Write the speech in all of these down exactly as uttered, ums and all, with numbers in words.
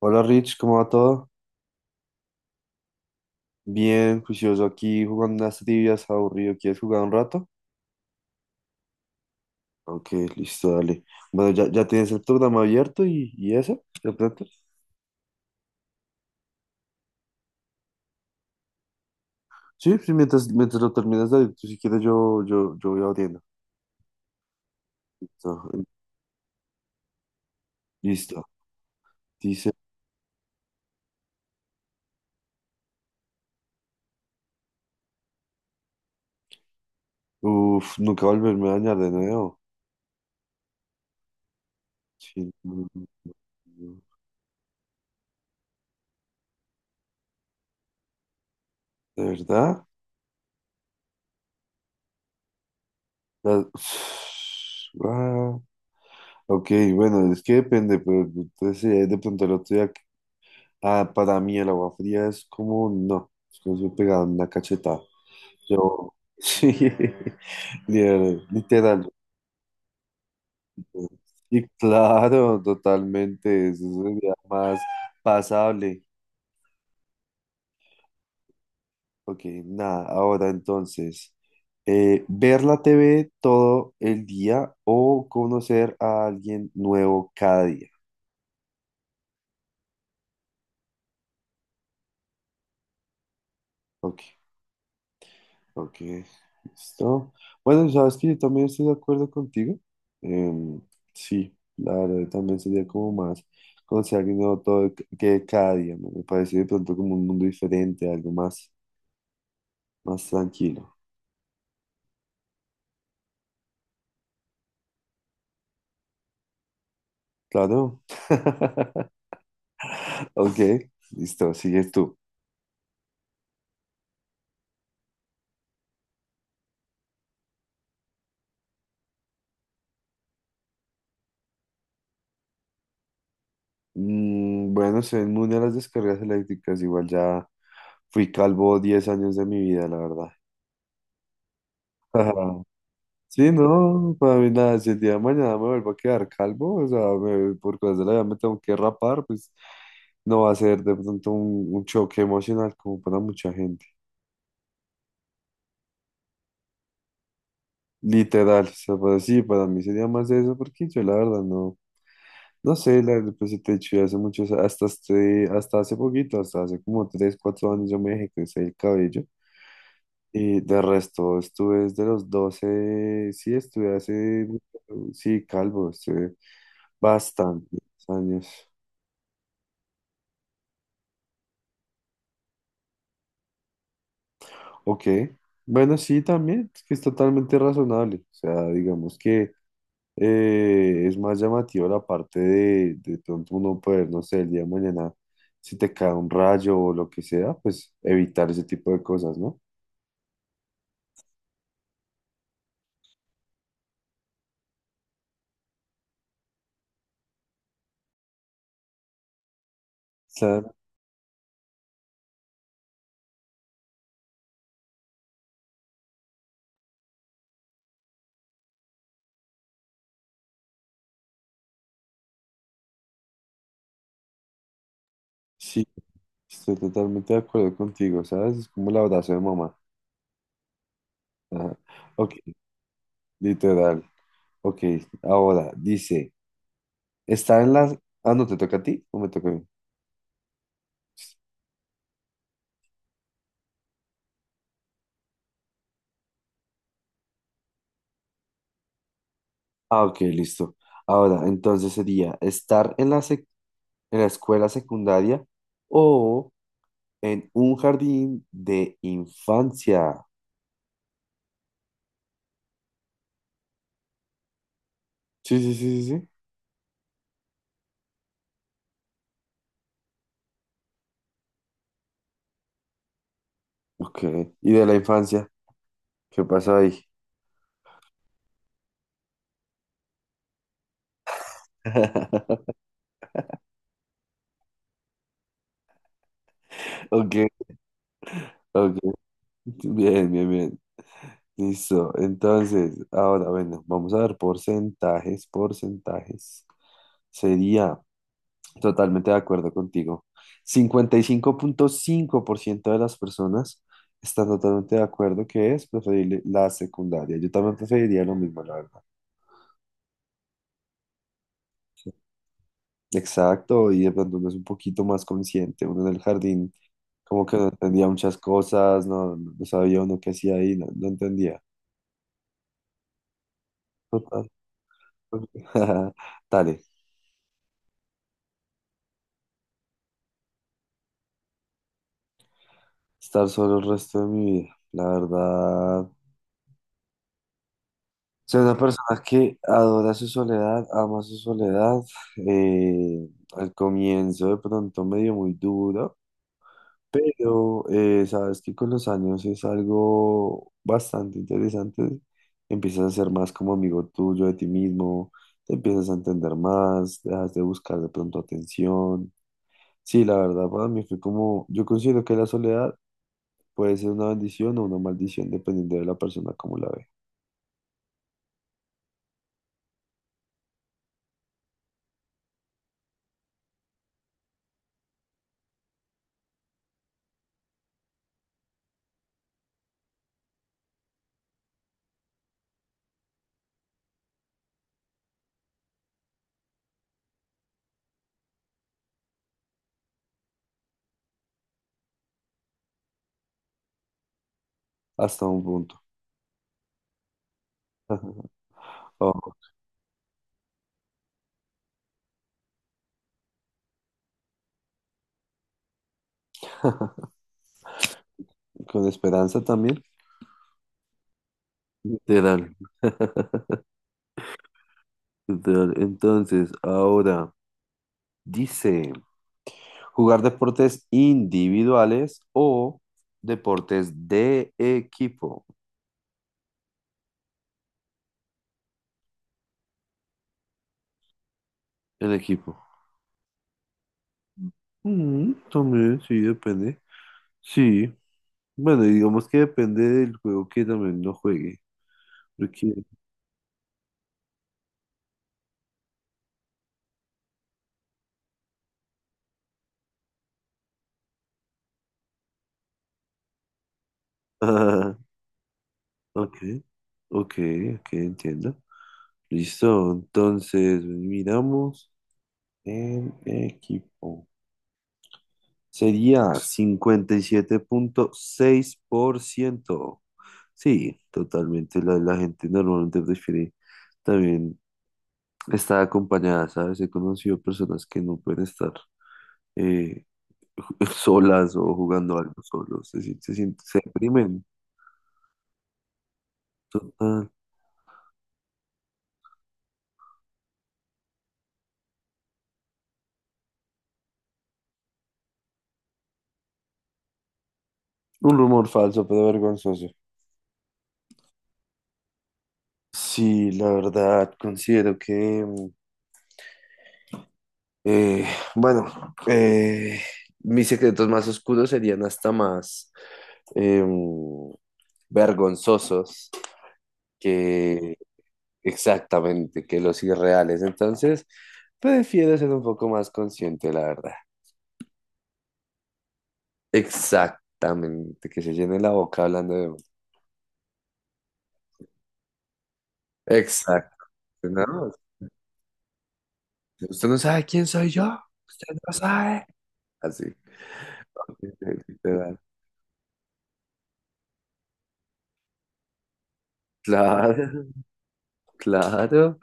Hola Rich, ¿cómo va todo? Bien, juicioso aquí jugando unas trivias, aburrido. ¿Quieres jugar un rato? Ok, listo, dale. Bueno, ya, ya tienes el programa abierto y, y eso, de pronto. Sí, sí, mientras, mientras lo terminas de abrir, tú si quieres yo, yo, yo voy abriendo. Listo, eh, listo. Dice, uff, nunca volverme a dañar de nuevo. Sí, no, no, no. ¿De verdad? La- Ah, ok, bueno, es que depende, pero entonces eh, de pronto el otro día. Ah, para mí el agua fría es como, no, es como si me pegaran una cachetada. Yo, sí, literal, literal. Y claro, totalmente, eso sería más pasable. Ok, nada, ahora entonces, eh, ver la T V todo el día o conocer a alguien nuevo cada día. Ok, ok, listo. Bueno, sabes que yo también estoy de acuerdo contigo. Em, sí, la verdad también sería como más conocer algo nuevo todo que que cada día, ¿no? Me parece de pronto como un mundo diferente, algo más, más tranquilo. Claro. Ok, listo, sigues tú. Mm, bueno, soy inmune a las descargas eléctricas, igual ya fui calvo diez años de mi vida, la verdad. Sí, no, no, no, no, para mí nada, si el día de mañana me vuelvo a quedar calvo, o sea, me- por cosas de la vida me tengo que rapar, pues no va a ser de pronto un, un choque emocional como para mucha gente. Literal, o sea, para sí, para mí sería más eso, porque yo la verdad no, no sé, la, pues si te he dicho, ya hace muchos, hasta, este- hasta hace poquito, hasta hace como tres cuatro años yo me dejé crecer el cabello. Y de resto, estuve desde los doce, sí, estuve hace, sí, calvo, estuve bastantes años. Ok, bueno, sí, también, es que es totalmente razonable. O sea, digamos que eh, es más llamativo la parte de, de pronto uno poder, no sé, el día de mañana, si te cae un rayo o lo que sea, pues evitar ese tipo de cosas, ¿no? Claro, sí, estoy totalmente de acuerdo contigo, ¿sabes? Es como el abrazo de mamá. Ajá. Ok, literal. Ok, ahora dice, está en las... Ah, no, ¿te toca a ti o me toca a mí? Ah, ok, listo. Ahora, entonces sería estar en la en la escuela secundaria o en un jardín de infancia. Sí, sí, sí, sí, sí. Ok. ¿Y de la infancia? ¿Qué pasó ahí? Ok, ok. Bien, bien, bien. Listo. Entonces, ahora, bueno, vamos a ver porcentajes, porcentajes. Sería totalmente de acuerdo contigo. Cincuenta y cinco cinco punto cinco por ciento de las personas están totalmente de acuerdo que es preferible la secundaria. Yo también preferiría lo mismo, la verdad. Exacto, y de pronto uno es un poquito más consciente, uno en el jardín como que no entendía muchas cosas, no, no no sabía uno qué hacía ahí, no, no entendía. Total. Dale, estar solo el resto de mi vida, la verdad. Soy una persona que adora su soledad, ama su soledad. eh, Al comienzo de pronto medio muy duro. Pero eh, sabes que con los años es algo bastante interesante. Empiezas a ser más como amigo tuyo de ti mismo, te empiezas a entender más, dejas de buscar de pronto atención. Sí, la verdad para mí fue como, yo considero que la soledad puede ser una bendición o una maldición dependiendo de la persona como la ve, hasta un punto. Oh, con esperanza también. Literal, literal. Entonces, ahora dice. Jugar deportes individuales o deportes de equipo. El equipo. Mm, también, sí, depende. Sí. Bueno, y digamos que depende del juego que también lo juegue. Porque... Ah, ok, ok, ok, entiendo. Listo, entonces miramos el equipo. Sería cincuenta y siete punto seis por ciento. Sí, totalmente. La, la gente normalmente prefiere también estar acompañada, ¿sabes? He conocido personas que no pueden estar eh, solas o jugando algo solos. Se, sien- se, sien- se deprimen. Total. Un rumor falso, pero vergonzoso. Sí, la verdad, considero que, mm, eh, bueno, eh, mis secretos más oscuros serían hasta más eh, vergonzosos que exactamente que los irreales. Entonces, prefiero ser un poco más consciente, la verdad. Exactamente, que se llene la boca hablando de uno. Exacto, ¿no? Usted no sabe quién soy yo, usted no sabe. Así, literal. Claro, claro.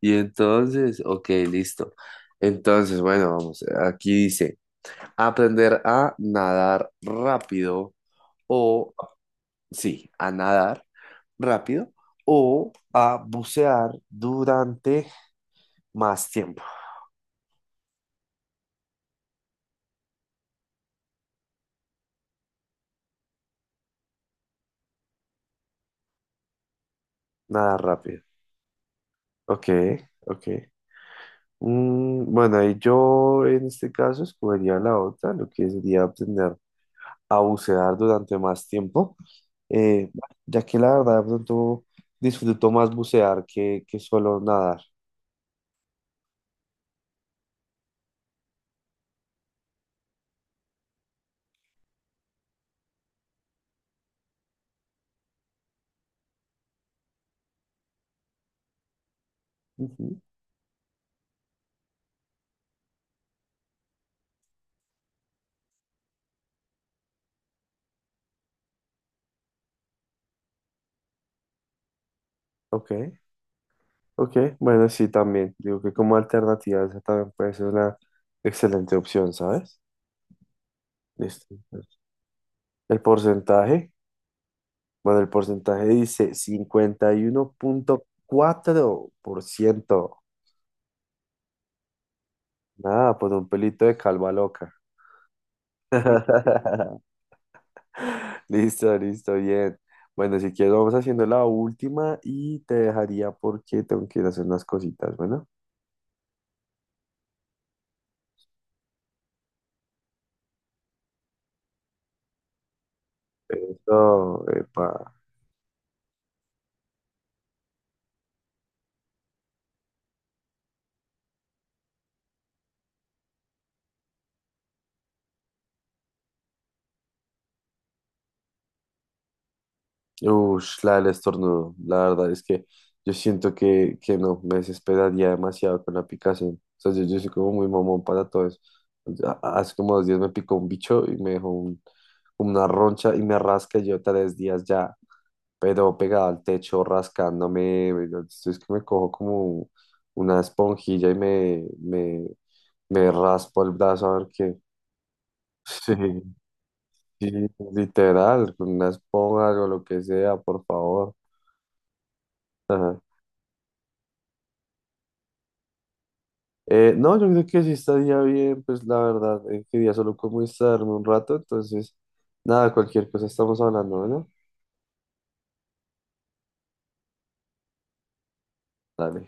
Y entonces, ok, listo. Entonces, bueno, vamos, aquí dice, aprender a nadar rápido o sí, a nadar rápido o a bucear durante más tiempo. Nadar rápido. Ok, ok. Mm, bueno, ahí yo en este caso escogería la otra, lo que sería aprender a bucear durante más tiempo, eh, ya que la verdad de pronto disfruto más bucear que, que solo nadar. Ujú, ok, ok, bueno, sí, también. Digo que como alternativa esa también puede ser una excelente opción, ¿sabes? Listo. El porcentaje, bueno, el porcentaje dice cincuenta y uno punto cuatro por ciento. Nada, pues un pelito de calva loca. Listo, listo, bien. Bueno, si quieres, vamos haciendo la última y te dejaría porque tengo que ir a hacer unas cositas. Bueno, eso, epa. Ush, la del estornudo. La verdad es que yo siento que, que no, me desesperaría demasiado con la picazón. O sea, yo, yo soy como muy mamón para todo eso. A- Hace como dos días me picó un bicho y me dejó un- como una roncha y me rasca y yo tres días ya, pero pegado al techo, rascándome. Entonces es que me cojo como una esponjilla y me, me, me raspo el brazo a ver qué. Sí, sí, literal, con una esponja o lo que sea, por favor. Ajá. Eh, no, yo creo que sí estaría bien, pues la verdad, eh, quería solo como instalarme un rato, entonces, nada, cualquier cosa estamos hablando, ¿no? Dale.